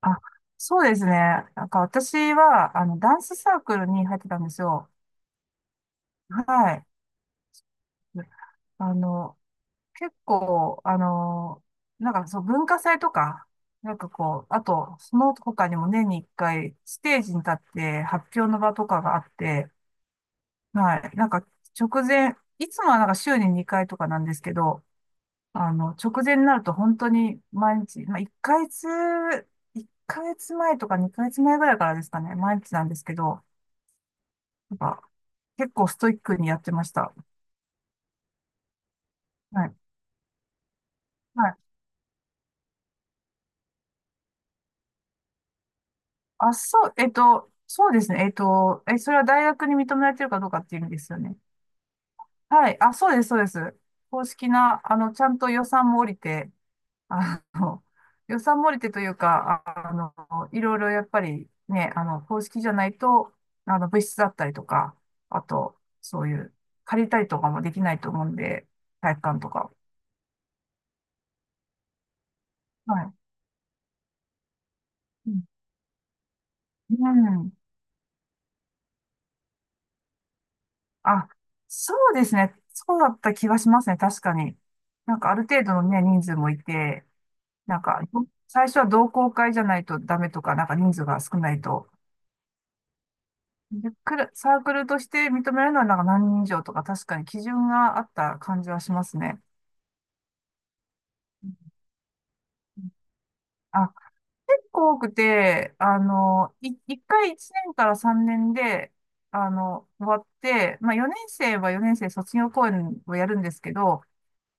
あ、そうですね。なんか私は、ダンスサークルに入ってたんですよ。はい。あの、結構、文化祭とか、あと、その他にも年に一回、ステージに立って発表の場とかがあって、はい。直前、いつもはなんか週に2回とかなんですけど、直前になると本当に毎日、まあ、1ヶ月前とか2ヶ月前ぐらいからですかね、毎日なんですけど、なんか、結構ストイックにやってました。はい。はい。あ、そう、そうですね。それは大学に認められてるかどうかっていう意味ですよね。はい。あ、そうです、そうです。公式な、ちゃんと予算も降りて、あの、予算も降りてというか、いろいろやっぱりね、公式じゃないと、物室だったりとか、あと、そういう、借りたりとかもできないと思うんで、体育館とか。はい。うん。うん、あ、そうですね。そうだった気がしますね。確かに。なんかある程度のね、人数もいて、なんか、最初は同好会じゃないとダメとか、なんか人数が少ないと。で、クラサークルとして認めるのはなんか何人以上とか、確かに基準があった感じはしますね。あ、結構多くて、1年から3年で、終わって、まあ4年生は4年生卒業公演をやるんですけど、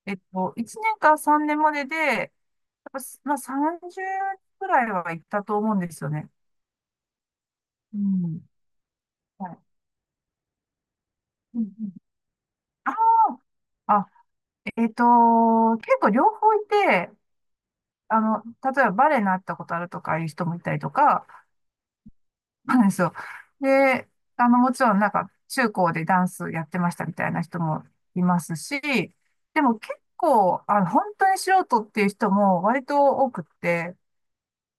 1年から3年までで、やっぱ、まあ、30くらいは行ったと思うんですよね。うん。はい。うんうん。ああ、あ、えっと、結構両方いて、例えばバレエになったことあるとかいう人もいたりとか、なんですよ。で、もちろんなんか中高でダンスやってましたみたいな人もいますし、でも結構、本当に素人っていう人も割と多くって、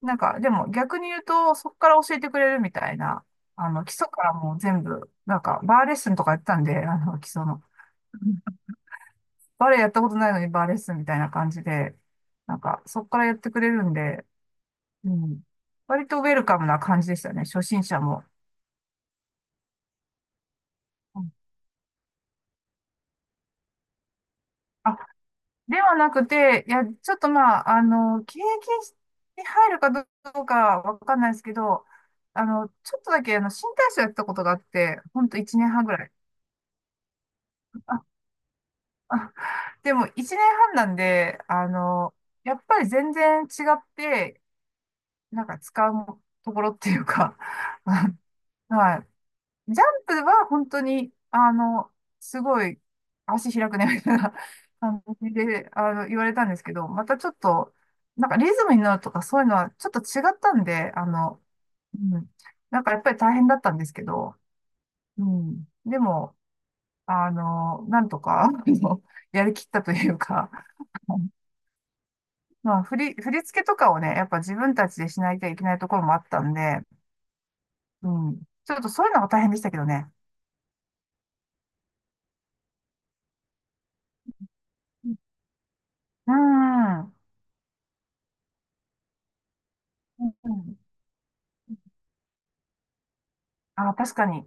でも逆に言うと、そこから教えてくれるみたいな、基礎からもう全部、バーレッスンとかやってたんで、基礎の。バレエやったことないのにバーレッスンみたいな感じで、そこからやってくれるんで、うん。割とウェルカムな感じでしたね、初心者も。うん、あ、ではなくて、いや、ちょっとまあ、経験に入るかどうかわかんないですけど、ちょっとだけ、新体操やったことがあって、ほんと1年半ぐらい。あ、でも一年半なんで、やっぱり全然違って、なんか使うところっていうか、はい。ジャンプは本当に、すごい足開くね、みたいな 感じで、言われたんですけど、またちょっと、なんかリズムに乗るとかそういうのはちょっと違ったんで、うん。なんかやっぱり大変だったんですけど、うん。でも、なんとか、やりきったというか まあ、振り付けとかをね、やっぱ自分たちでしないといけないところもあったんで、うん。ちょっとそういうのが大変でしたけどね。うん。うん。あ、確かに。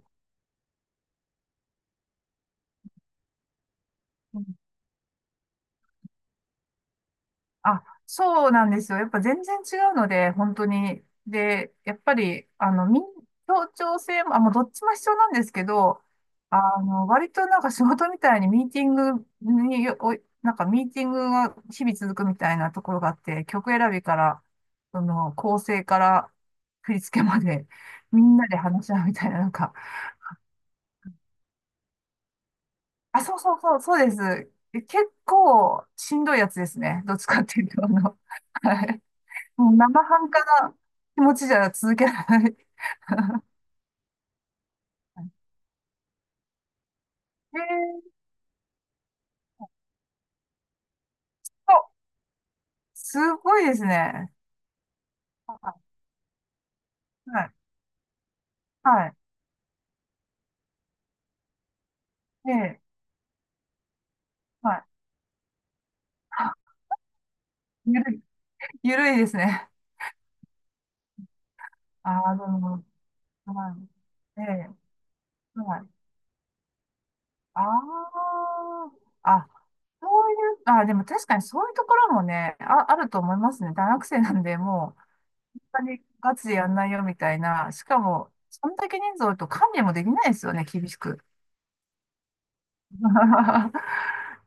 あ、そうなんですよ。やっぱ全然違うので、本当に。で、やっぱり、協調性も、あ、もうどっちも必要なんですけど、割となんか仕事みたいにミーティングによ、お、なんかミーティングが日々続くみたいなところがあって、曲選びから、その、構成から振り付けまで、みんなで話し合うみたいな、あ、そうです。え、結構しんどいやつですね。どっちかっていうと、はい、もう生半可な気持ちじゃ続けられない。えーと、すごいですね。はい。はい。はい。ええ、はい。あ、ゆるい、ゆるいですね。ああ、なるほど。はい。ええ、はい。ああ、あ、そういう、あ、でも確かにそういうところもね、あ、あると思いますね。大学生なんで、もう、本当にガチでやんないよみたいな。しかも、そんだけ人数多いと管理もできないですよね、厳しく。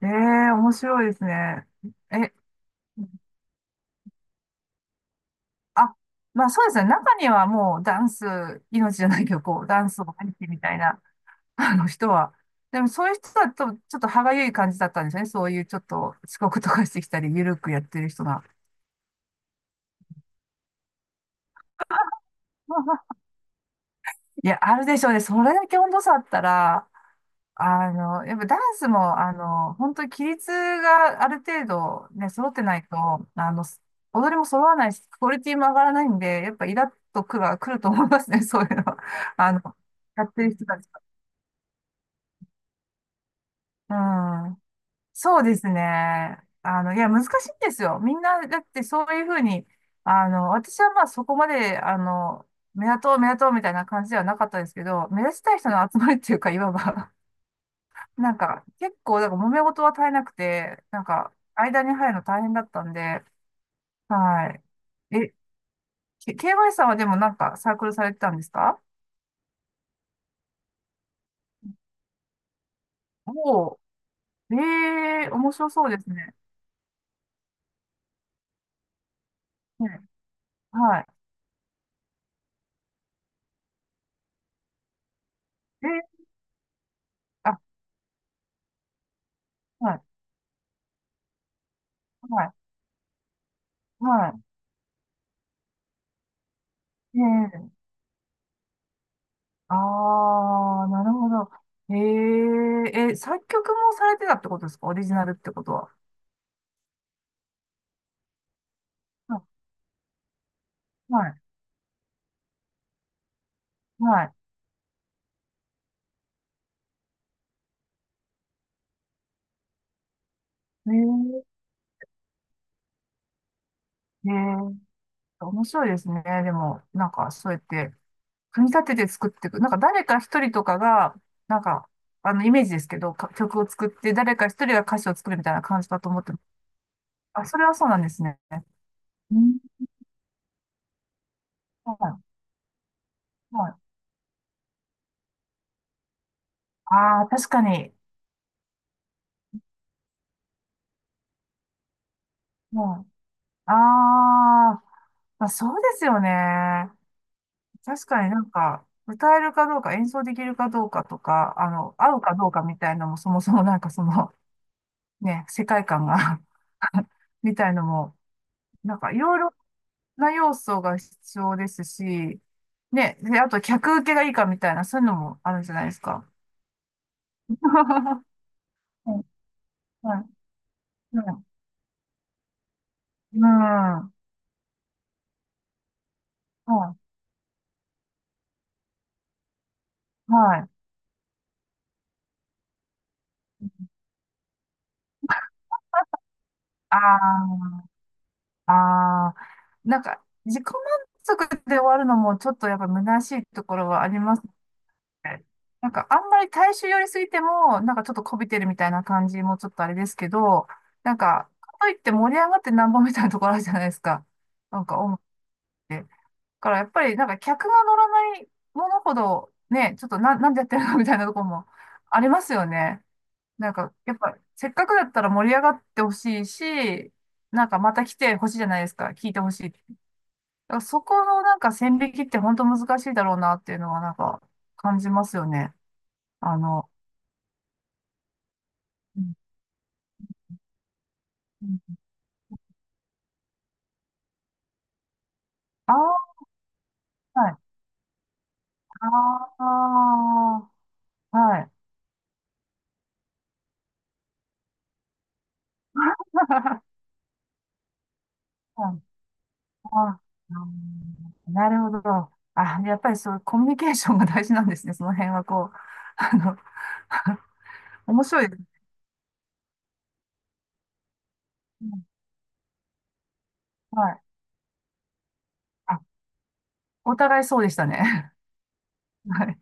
ええー、面白いですね。え、あ、まあそうですね。中にはもうダンス、命じゃないけど、こう、ダンスを入ってみたいな、あの人は。でもそういう人だと、ちょっと歯がゆい感じだったんですよね。そういうちょっと遅刻とかしてきたり、ゆるくやってる人が。いや、あるでしょうね。それだけ温度差あったら、やっぱダンスも、本当に規律がある程度ね、揃ってないと、あの、踊りも揃わないし、クオリティも上がらないんで、やっぱイラッとくが来ると思いますね、そういうのは。あの、やってる人たちが。うん。そうですね。いや、難しいんですよ。みんな、だってそういうふうに、私はまあそこまで、目立とうみたいな感じではなかったですけど、目立ちたい人の集まりっていうか、いわば結構、なんから揉め事は絶えなくて、なんか、間に入るの大変だったんで、はい。え、K- y さんはでもなんかサークルされてたんですか？おおー、ええ、面白そうですね。ね、はい。え、あ、はい、はい、はい。ええ、ああなるほど。えええ、作曲もされてたってことですか？オリジナルってことは。はい、はい、はい。ええ、ええ、面白いですね。でも、なんか、そうやって、組み立てて作っていく。なんか誰か一人とかが、なんか、イメージですけど、か曲を作って、誰か一人が歌詞を作るみたいな感じだと思ってます。あ、それはそうなんですね。うん。はい。はい。ああ、確かに。はい。ああ、まあ、そうですよね。確かになんか、歌えるかどうか、演奏できるかどうかとか、合うかどうかみたいなのも、そもそもなんかその、ね、世界観が みたいのも、なんかいろいろな要素が必要ですし、ね、で、あと客受けがいいかみたいな、そういうのもあるじゃないですか。はい、はい、はい、うん、はい、はい。ああ、ああ、なんか、自己満足で終わるのもちょっとやっぱ虚しいところはありますね。なんか、あんまり大衆寄りすぎても、なんかちょっとこびてるみたいな感じもちょっとあれですけど、なんか、かといって盛り上がってなんぼみたいなところあるじゃないですか。なんか、音楽って。からやっぱりなんか客が乗らないものほどね、ちょっとなんでやってるのみたいなところもありますよね。なんかやっぱせっかくだったら盛り上がってほしいし、なんかまた来てほしいじゃないですか。聞いてほしい。だからそこのなんか線引きって本当難しいだろうなっていうのはなんか感じますよね。あの、うん、うん、あー、はい。あー、はい。あ、うん、なるほど。あ、やっぱりそう、コミュニケーションが大事なんですね。その辺はこう、あの、面白いですね。うん、はい。あ、お互いそうでしたね。はい